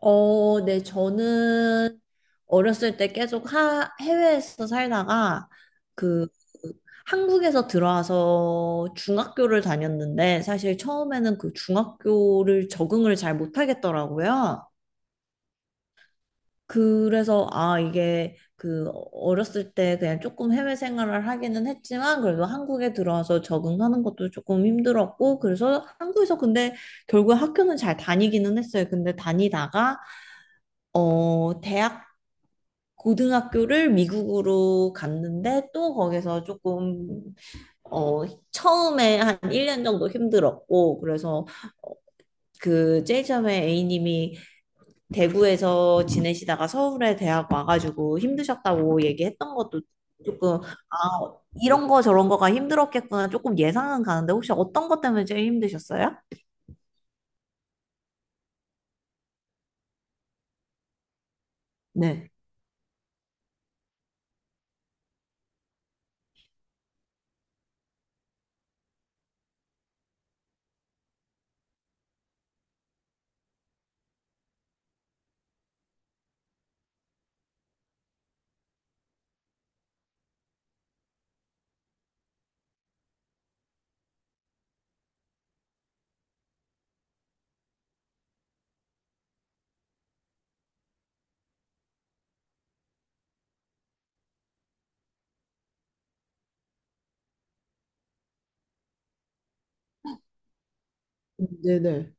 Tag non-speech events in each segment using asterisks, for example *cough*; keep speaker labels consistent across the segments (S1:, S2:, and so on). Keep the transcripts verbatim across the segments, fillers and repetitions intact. S1: 어, 네, 저는 어렸을 때 계속 하, 해외에서 살다가 그 한국에서 들어와서 중학교를 다녔는데, 사실 처음에는 그 중학교를 적응을 잘 못하겠더라고요. 그래서 아, 이게 그 어렸을 때 그냥 조금 해외 생활을 하기는 했지만, 그래도 한국에 들어와서 적응하는 것도 조금 힘들었고, 그래서 한국에서, 근데 결국 학교는 잘 다니기는 했어요. 근데 다니다가 어, 대학 고등학교를 미국으로 갔는데 또 거기서 조금 어 처음에 한 일 년 정도 힘들었고, 그래서 그 제일 처음에 A님이 대구에서 지내시다가 서울에 대학 와가지고 힘드셨다고 얘기했던 것도 조금, 아 이런 거 저런 거가 힘들었겠구나, 조금 예상은 가는데, 혹시 어떤 것 때문에 제일 힘드셨어요? 네. 네네.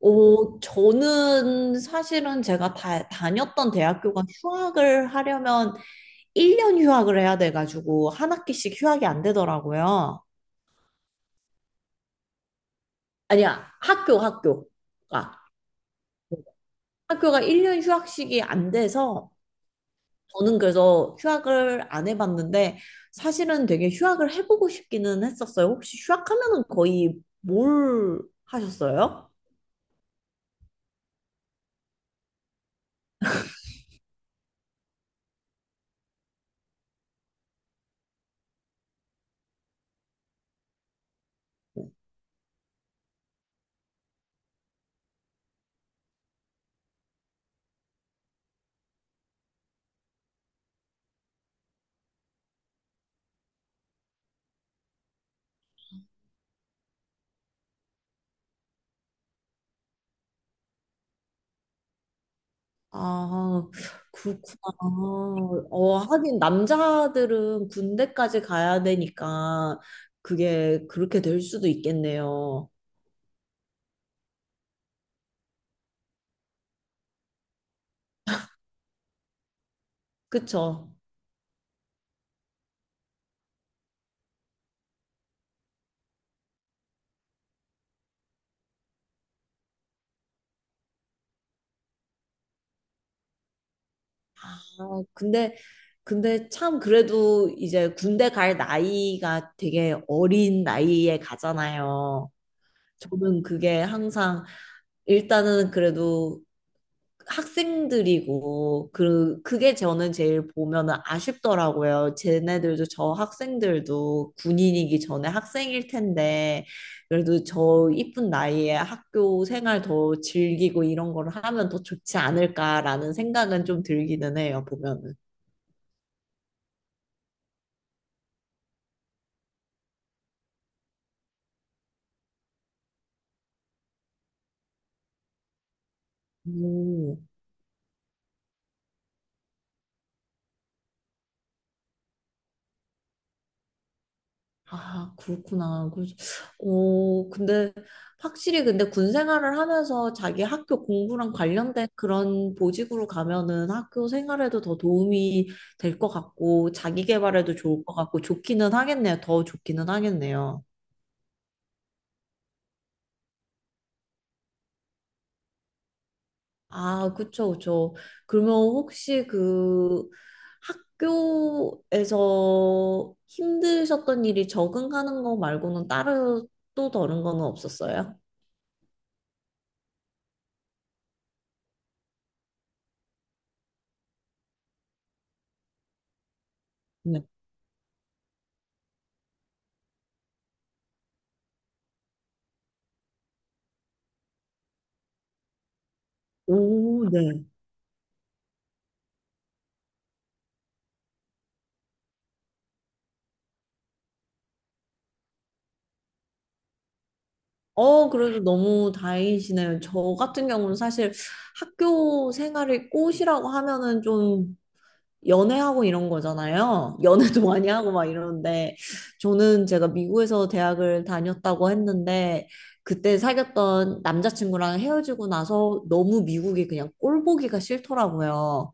S1: 오, 저는 사실은 제가 다, 다녔던 대학교가 휴학을 하려면 일 년 휴학을 해야 돼가지고 한 학기씩 휴학이 안 되더라고요. 아니야, 학교, 학교. 가 학교가 일 년 휴학식이 안 돼서 저는 그래서 휴학을 안 해봤는데, 사실은 되게 휴학을 해보고 싶기는 했었어요. 혹시 휴학하면은 거의 뭘 하셨어요? 아, 그렇구나. 어, 하긴 남자들은 군대까지 가야 되니까 그게 그렇게 될 수도 있겠네요. 그쵸? 아, 근데, 근데 참 그래도 이제 군대 갈 나이가 되게 어린 나이에 가잖아요. 저는 그게 항상, 일단은 그래도 학생들이고, 그 그게 저는 제일 보면은 아쉽더라고요. 쟤네들도, 저 학생들도 군인이기 전에 학생일 텐데, 그래도 저 이쁜 나이에 학교 생활 더 즐기고 이런 걸 하면 더 좋지 않을까라는 생각은 좀 들기는 해요, 보면은. 음. 아, 그렇구나. 그, 어, 근데 확실히, 근데 군 생활을 하면서 자기 학교 공부랑 관련된 그런 보직으로 가면은 학교 생활에도 더 도움이 될 것 같고, 자기 개발에도 좋을 것 같고, 좋기는 하겠네요. 더 좋기는 하겠네요. 아, 그쵸, 그쵸. 그러면 혹시 그 학교에서 힘드셨던 일이, 적응하는 거 말고는 따로 또 다른 거는 없었어요? 네. 오, 네. 어, 그래도 너무 다행이시네요. 저 같은 경우는 사실 학교 생활이 꽃이라고 하면은 좀 연애하고 이런 거잖아요. 연애도 *laughs* 많이 하고 막 이러는데, 저는 제가 미국에서 대학을 다녔다고 했는데, 그때 사귀었던 남자친구랑 헤어지고 나서 너무 미국이 그냥 꼴 보기가 싫더라고요.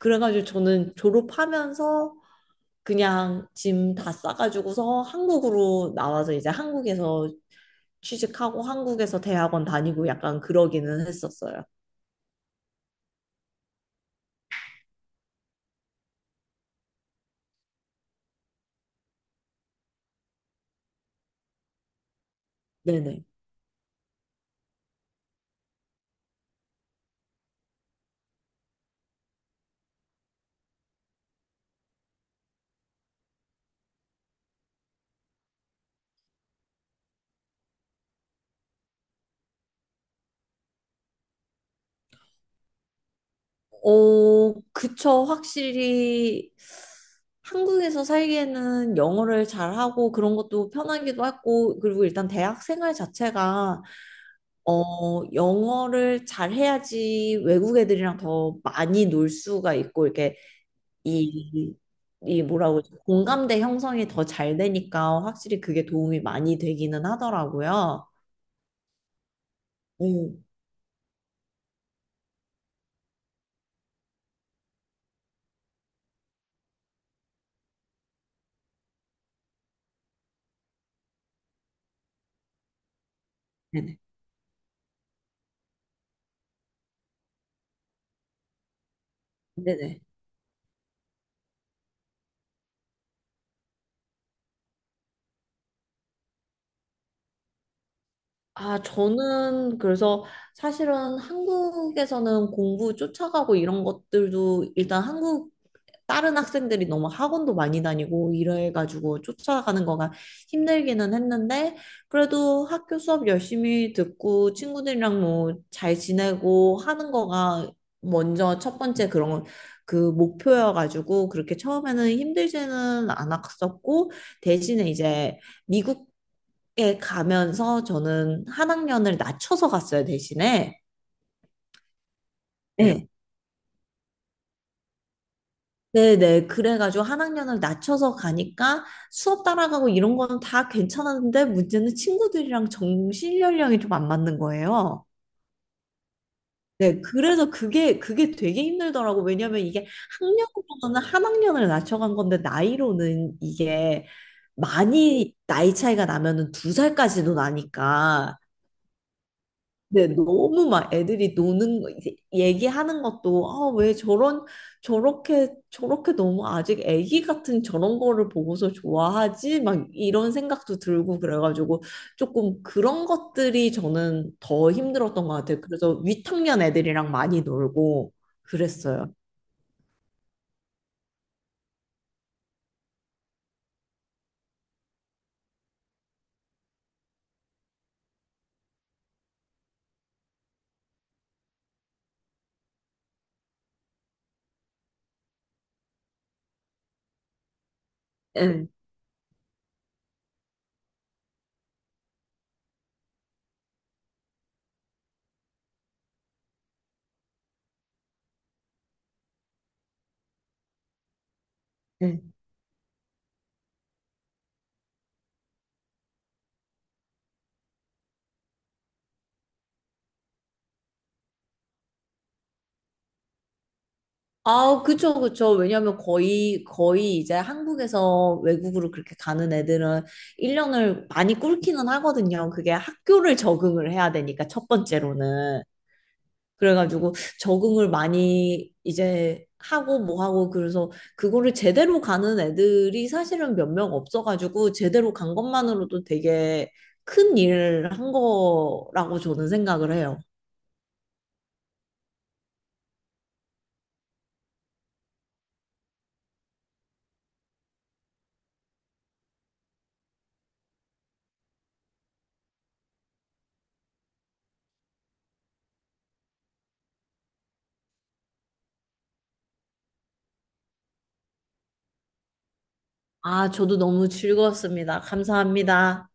S1: 그래가지고 저는 졸업하면서 그냥 짐 다 싸가지고서 한국으로 나와서, 이제 한국에서 취직하고 한국에서 대학원 다니고, 약간 그러기는 했었어요. 네네. 어, 그쵸. 확실히 한국에서 살기에는 영어를 잘하고 그런 것도 편하기도 하고, 그리고 일단 대학 생활 자체가, 어, 영어를 잘해야지 외국 애들이랑 더 많이 놀 수가 있고, 이렇게 이, 이 뭐라고, 그러지? 공감대 형성이 더 잘 되니까 확실히 그게 도움이 많이 되기는 하더라고요. 오, 네네. 네네. 아, 저는 그래서 사실은 한국에서는 공부 쫓아가고 이런 것들도, 일단 한국 다른 학생들이 너무 학원도 많이 다니고 이래가지고 쫓아가는 거가 힘들기는 했는데, 그래도 학교 수업 열심히 듣고 친구들이랑 뭐 잘 지내고 하는 거가 먼저 첫 번째 그런 그 목표여가지고, 그렇게 처음에는 힘들지는 않았었고, 대신에 이제 미국에 가면서 저는 한 학년을 낮춰서 갔어요, 대신에. 네. 네네. 그래가지고 한 학년을 낮춰서 가니까 수업 따라가고 이런 거는 다 괜찮았는데, 문제는 친구들이랑 정신 연령이 좀 안 맞는 거예요. 네. 그래서 그게, 그게 되게 힘들더라고. 왜냐면 이게 학년으로는 한 학년을 낮춰간 건데, 나이로는 이게 많이 나이 차이가 나면은 두 살까지도 나니까, 근데 너무 막 애들이 노는 거 이제 얘기하는 것도, 아 왜 저런, 저렇게 저렇게 너무 아직 애기 같은 저런 거를 보고서 좋아하지, 막 이런 생각도 들고 그래가지고, 조금 그런 것들이 저는 더 힘들었던 것 같아요. 그래서 위탁년 애들이랑 많이 놀고 그랬어요. 응. 응. 아, 그쵸, 그쵸. 왜냐면 거의, 거의 이제 한국에서 외국으로 그렇게 가는 애들은 일 년을 많이 꿇기는 하거든요. 그게 학교를 적응을 해야 되니까, 첫 번째로는. 그래가지고 적응을 많이 이제 하고 뭐 하고, 그래서 그거를 제대로 가는 애들이 사실은 몇 명 없어가지고, 제대로 간 것만으로도 되게 큰 일을 한 거라고 저는 생각을 해요. 아, 저도 너무 즐거웠습니다. 감사합니다.